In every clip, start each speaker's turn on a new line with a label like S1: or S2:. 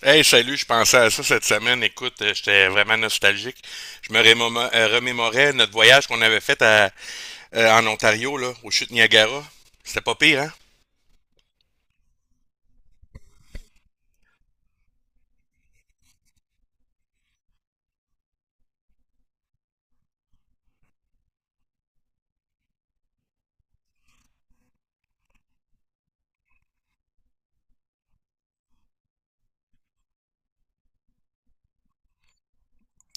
S1: Hey, salut, je pensais à ça cette semaine. Écoute, j'étais vraiment nostalgique. Je me remémorais notre voyage qu'on avait fait en Ontario, là, aux chutes Niagara. C'était pas pire, hein?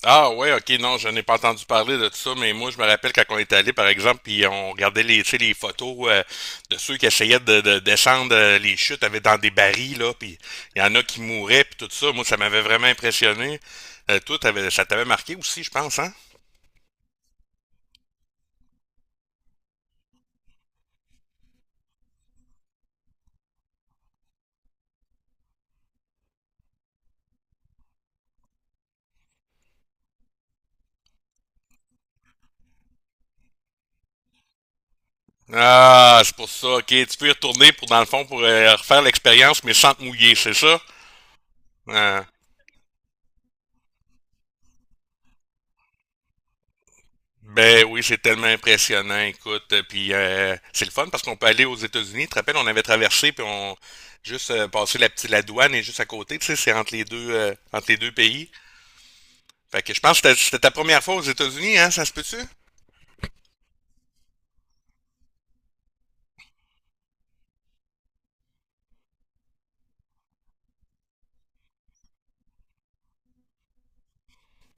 S1: Ah ouais, ok, non, je n'ai pas entendu parler de tout ça, mais moi je me rappelle quand on est allé, par exemple, puis on regardait les, tu sais, les photos de ceux qui essayaient de descendre les chutes avec dans des barils, là, puis il y en a qui mouraient, puis tout ça. Moi, ça m'avait vraiment impressionné. Toi, ça t'avait marqué aussi, je pense, hein? Ah, c'est pour ça. Ok, tu peux y retourner pour, dans le fond, pour refaire l'expérience, mais sans te mouiller, c'est ça? Ah. Ben oui, c'est tellement impressionnant, écoute. Puis c'est le fun parce qu'on peut aller aux États-Unis. Tu te rappelles, on avait traversé puis on juste passé la douane et juste à côté, tu sais, c'est entre les deux pays. Fait que je pense que c'était ta première fois aux États-Unis, hein, ça se peut-tu?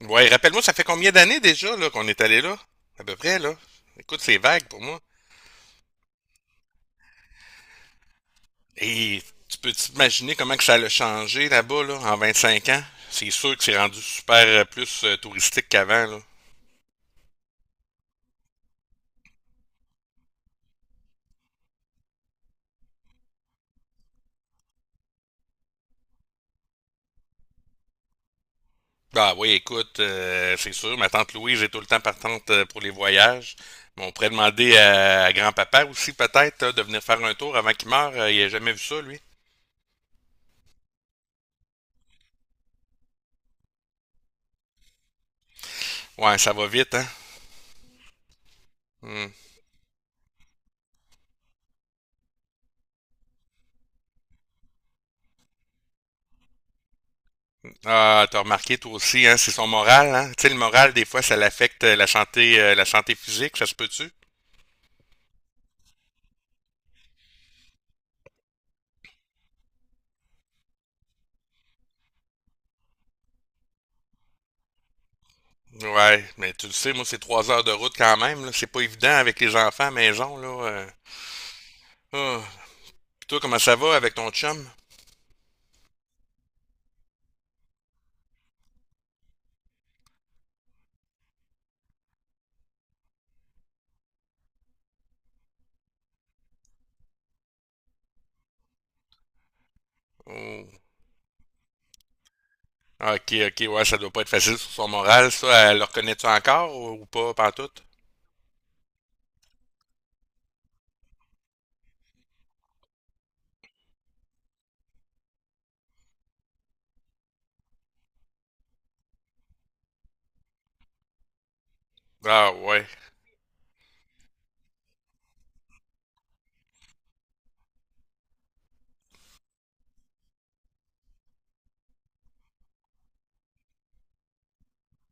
S1: Ouais, rappelle-moi, ça fait combien d'années déjà là qu'on est allé là? À peu près là. Écoute, c'est vague pour moi. Et tu peux t'imaginer comment que ça a changé là-bas là, en 25 ans? C'est sûr que c'est rendu super plus touristique qu'avant. Là. Ah oui, écoute, c'est sûr, ma tante Louise est tout le temps partante pour les voyages. Mais on pourrait demander à grand-papa aussi peut-être de venir faire un tour avant qu'il meure. Il a jamais vu ça, lui. Ouais, ça va vite, hein. Hmm. Ah, t'as remarqué toi aussi, hein, c'est son moral, hein. Tu sais, le moral, des fois, ça l'affecte la santé physique, ça se peut-tu? Ouais, mais tu le sais, moi, c'est 3 heures de route quand même, là. C'est pas évident avec les enfants à maison, là. Ah. Puis toi, comment ça va avec ton chum? Oh. Ah, Ok, ok, ouais, ça doit pas être facile sur son moral, ça. Elle le reconnaît-tu encore ou pas, pantoute? Ah, ouais.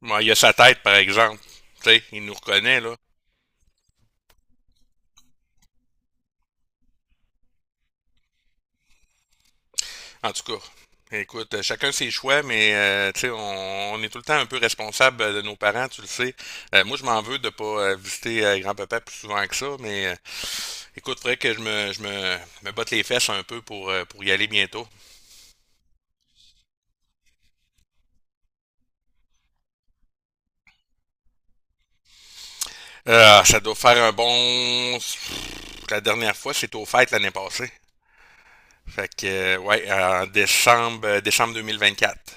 S1: Moi, il a sa tête, par exemple. Tu sais, il nous reconnaît, là. En tout cas, écoute, chacun ses choix, mais, tu sais, on est tout le temps un peu responsable de nos parents, tu le sais. Moi, je m'en veux de pas visiter grand-papa plus souvent que ça, mais, écoute, faudrait que je me botte les fesses un peu pour y aller bientôt. Ça doit faire un bon. La dernière fois, c'était aux fêtes l'année passée. Fait que, ouais, en décembre, décembre 2024.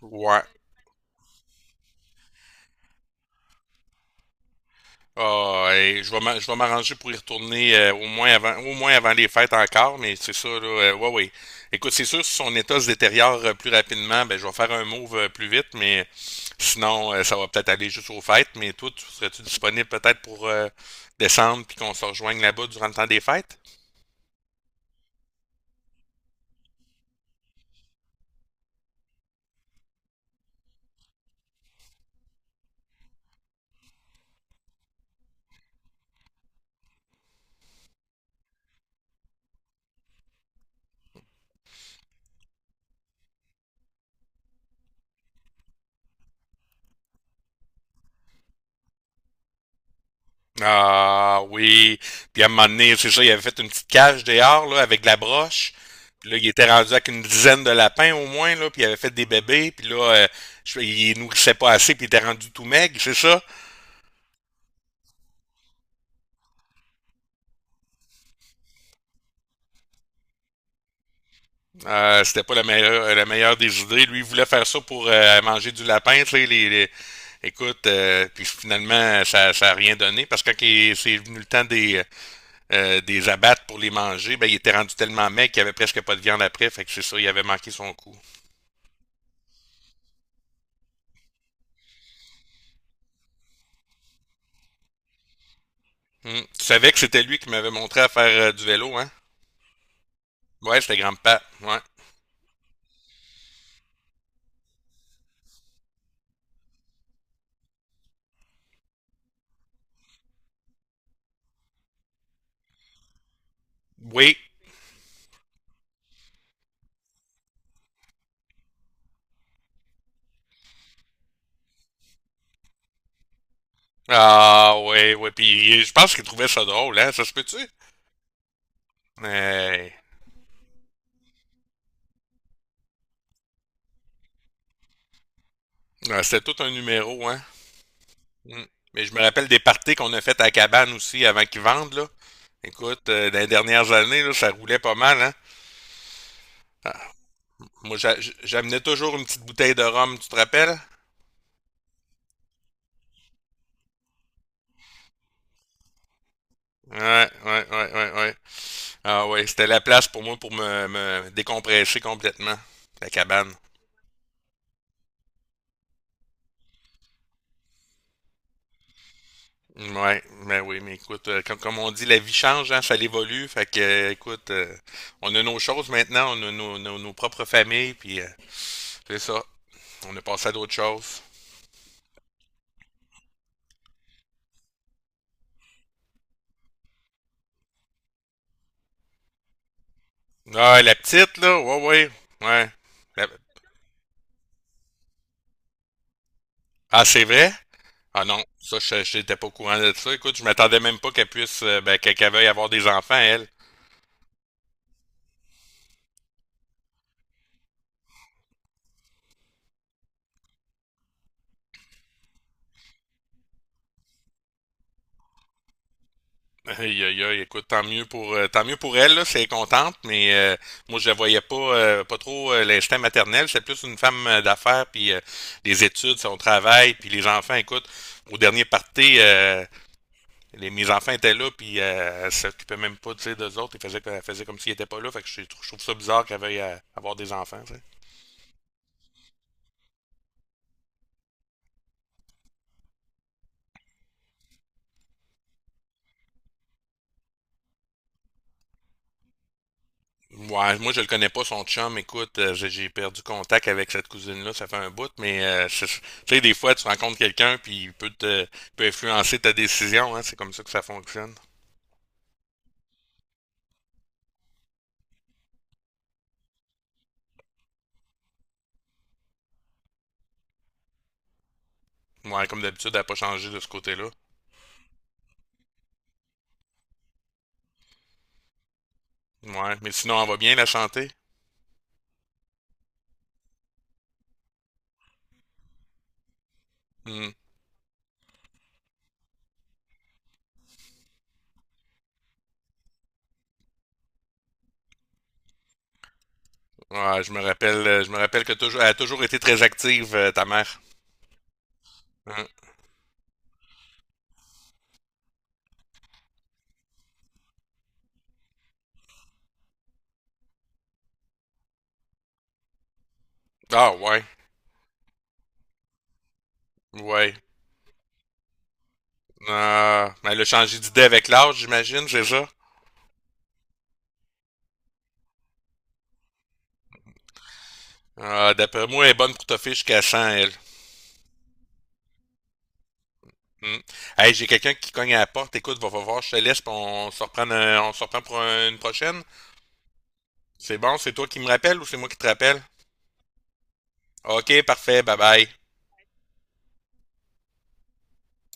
S1: Ouais, Ah, et je vais je vais m'arranger pour y retourner au moins avant les fêtes encore, mais c'est ça, là, ouais, ouais. Écoute, c'est sûr, si son état se détériore plus rapidement, ben je vais faire un move plus vite, mais sinon, ça va peut-être aller juste aux fêtes. Mais toi, tu serais-tu disponible peut-être pour descendre puis qu'on se rejoigne là-bas durant le temps des fêtes? Ah oui. Puis à un moment donné, c'est ça, il avait fait une petite cage dehors là, avec de la broche. Puis là, il était rendu avec une dizaine de lapins au moins, là, puis il avait fait des bébés, puis là, il nourrissait pas assez, puis il était rendu tout maigre, c'est ça? C'était pas la meilleure des idées. Lui, il voulait faire ça pour manger du lapin, tu sais. Écoute, puis finalement, ça a rien donné, parce que c'est venu le temps des, abattre pour les manger, ben, il était rendu tellement maigre qu'il avait presque pas de viande après, fait que c'est ça, il avait manqué son coup. Hmm. Tu savais que c'était lui qui m'avait montré à faire du vélo, hein? Ouais, c'était grand-père. Ouais. Oui. Ah, ouais, ouais. Puis je pense qu'il trouvait ça drôle, hein? Ça se peut-tu? Mais ouais, Ah, c'était tout un numéro, hein? Hmm. Mais je me rappelle des parties qu'on a faites à la cabane aussi avant qu'ils vendent, là. Écoute, dans les dernières années, là, ça roulait pas mal, hein? Ah, moi, j'amenais toujours une petite bouteille de rhum, tu te rappelles? Ouais, ouais, ouais, ouais, ouais. Ah ouais, c'était la place pour moi pour me décompresser complètement. La cabane. Ouais, mais oui, mais écoute, comme on dit, la vie change, hein, ça évolue. Fait que, écoute, on a nos choses maintenant, on a nos propres familles, puis c'est ça. On a passé à d'autres choses. Ah, la petite, là, ouais, ouais, ouais. La- Ah, c'est vrai? Ah non, ça, je n'étais pas au courant de ça. Écoute, je m'attendais même pas qu'elle puisse, ben, qu'elle veuille avoir des enfants, elle. Aïe, aïe, aïe, écoute, tant mieux pour elle, là, c'est contente, mais moi, je la voyais pas trop l'instinct maternel. C'est plus une femme d'affaires, puis les études, son travail, puis les enfants. Écoute, au dernier party, mes enfants étaient là, puis elle s'occupait même pas, tu sais, d'eux autres. Elle faisait comme s'ils étaient pas là. Fait que je trouve ça bizarre qu'elle veuille avoir des enfants, tu sais. Ouais, moi je le connais pas, son chum. Écoute, j'ai perdu contact avec cette cousine-là, ça fait un bout, mais tu sais, des fois tu rencontres quelqu'un puis il peut influencer ta décision, hein, c'est comme ça que ça fonctionne. Ouais, comme d'habitude, elle n'a pas changé de ce côté-là. Ouais, mais sinon elle va bien la santé. Hmm. Ouais, je me rappelle que toujours, elle a toujours été très active, ta mère. Hein? Ah ouais, ouais. Ah, mais elle a changé d'idée avec l'âge, j'imagine, c'est ça? Ah, d'après moi, elle est bonne pour toffer jusqu'à 100 elle. Mm. Hey, j'ai quelqu'un qui cogne à la porte. Écoute, va voir, je te laisse, puis on se reprend pour une prochaine. C'est bon, c'est toi qui me rappelles ou c'est moi qui te rappelle? Ok, parfait, bye bye.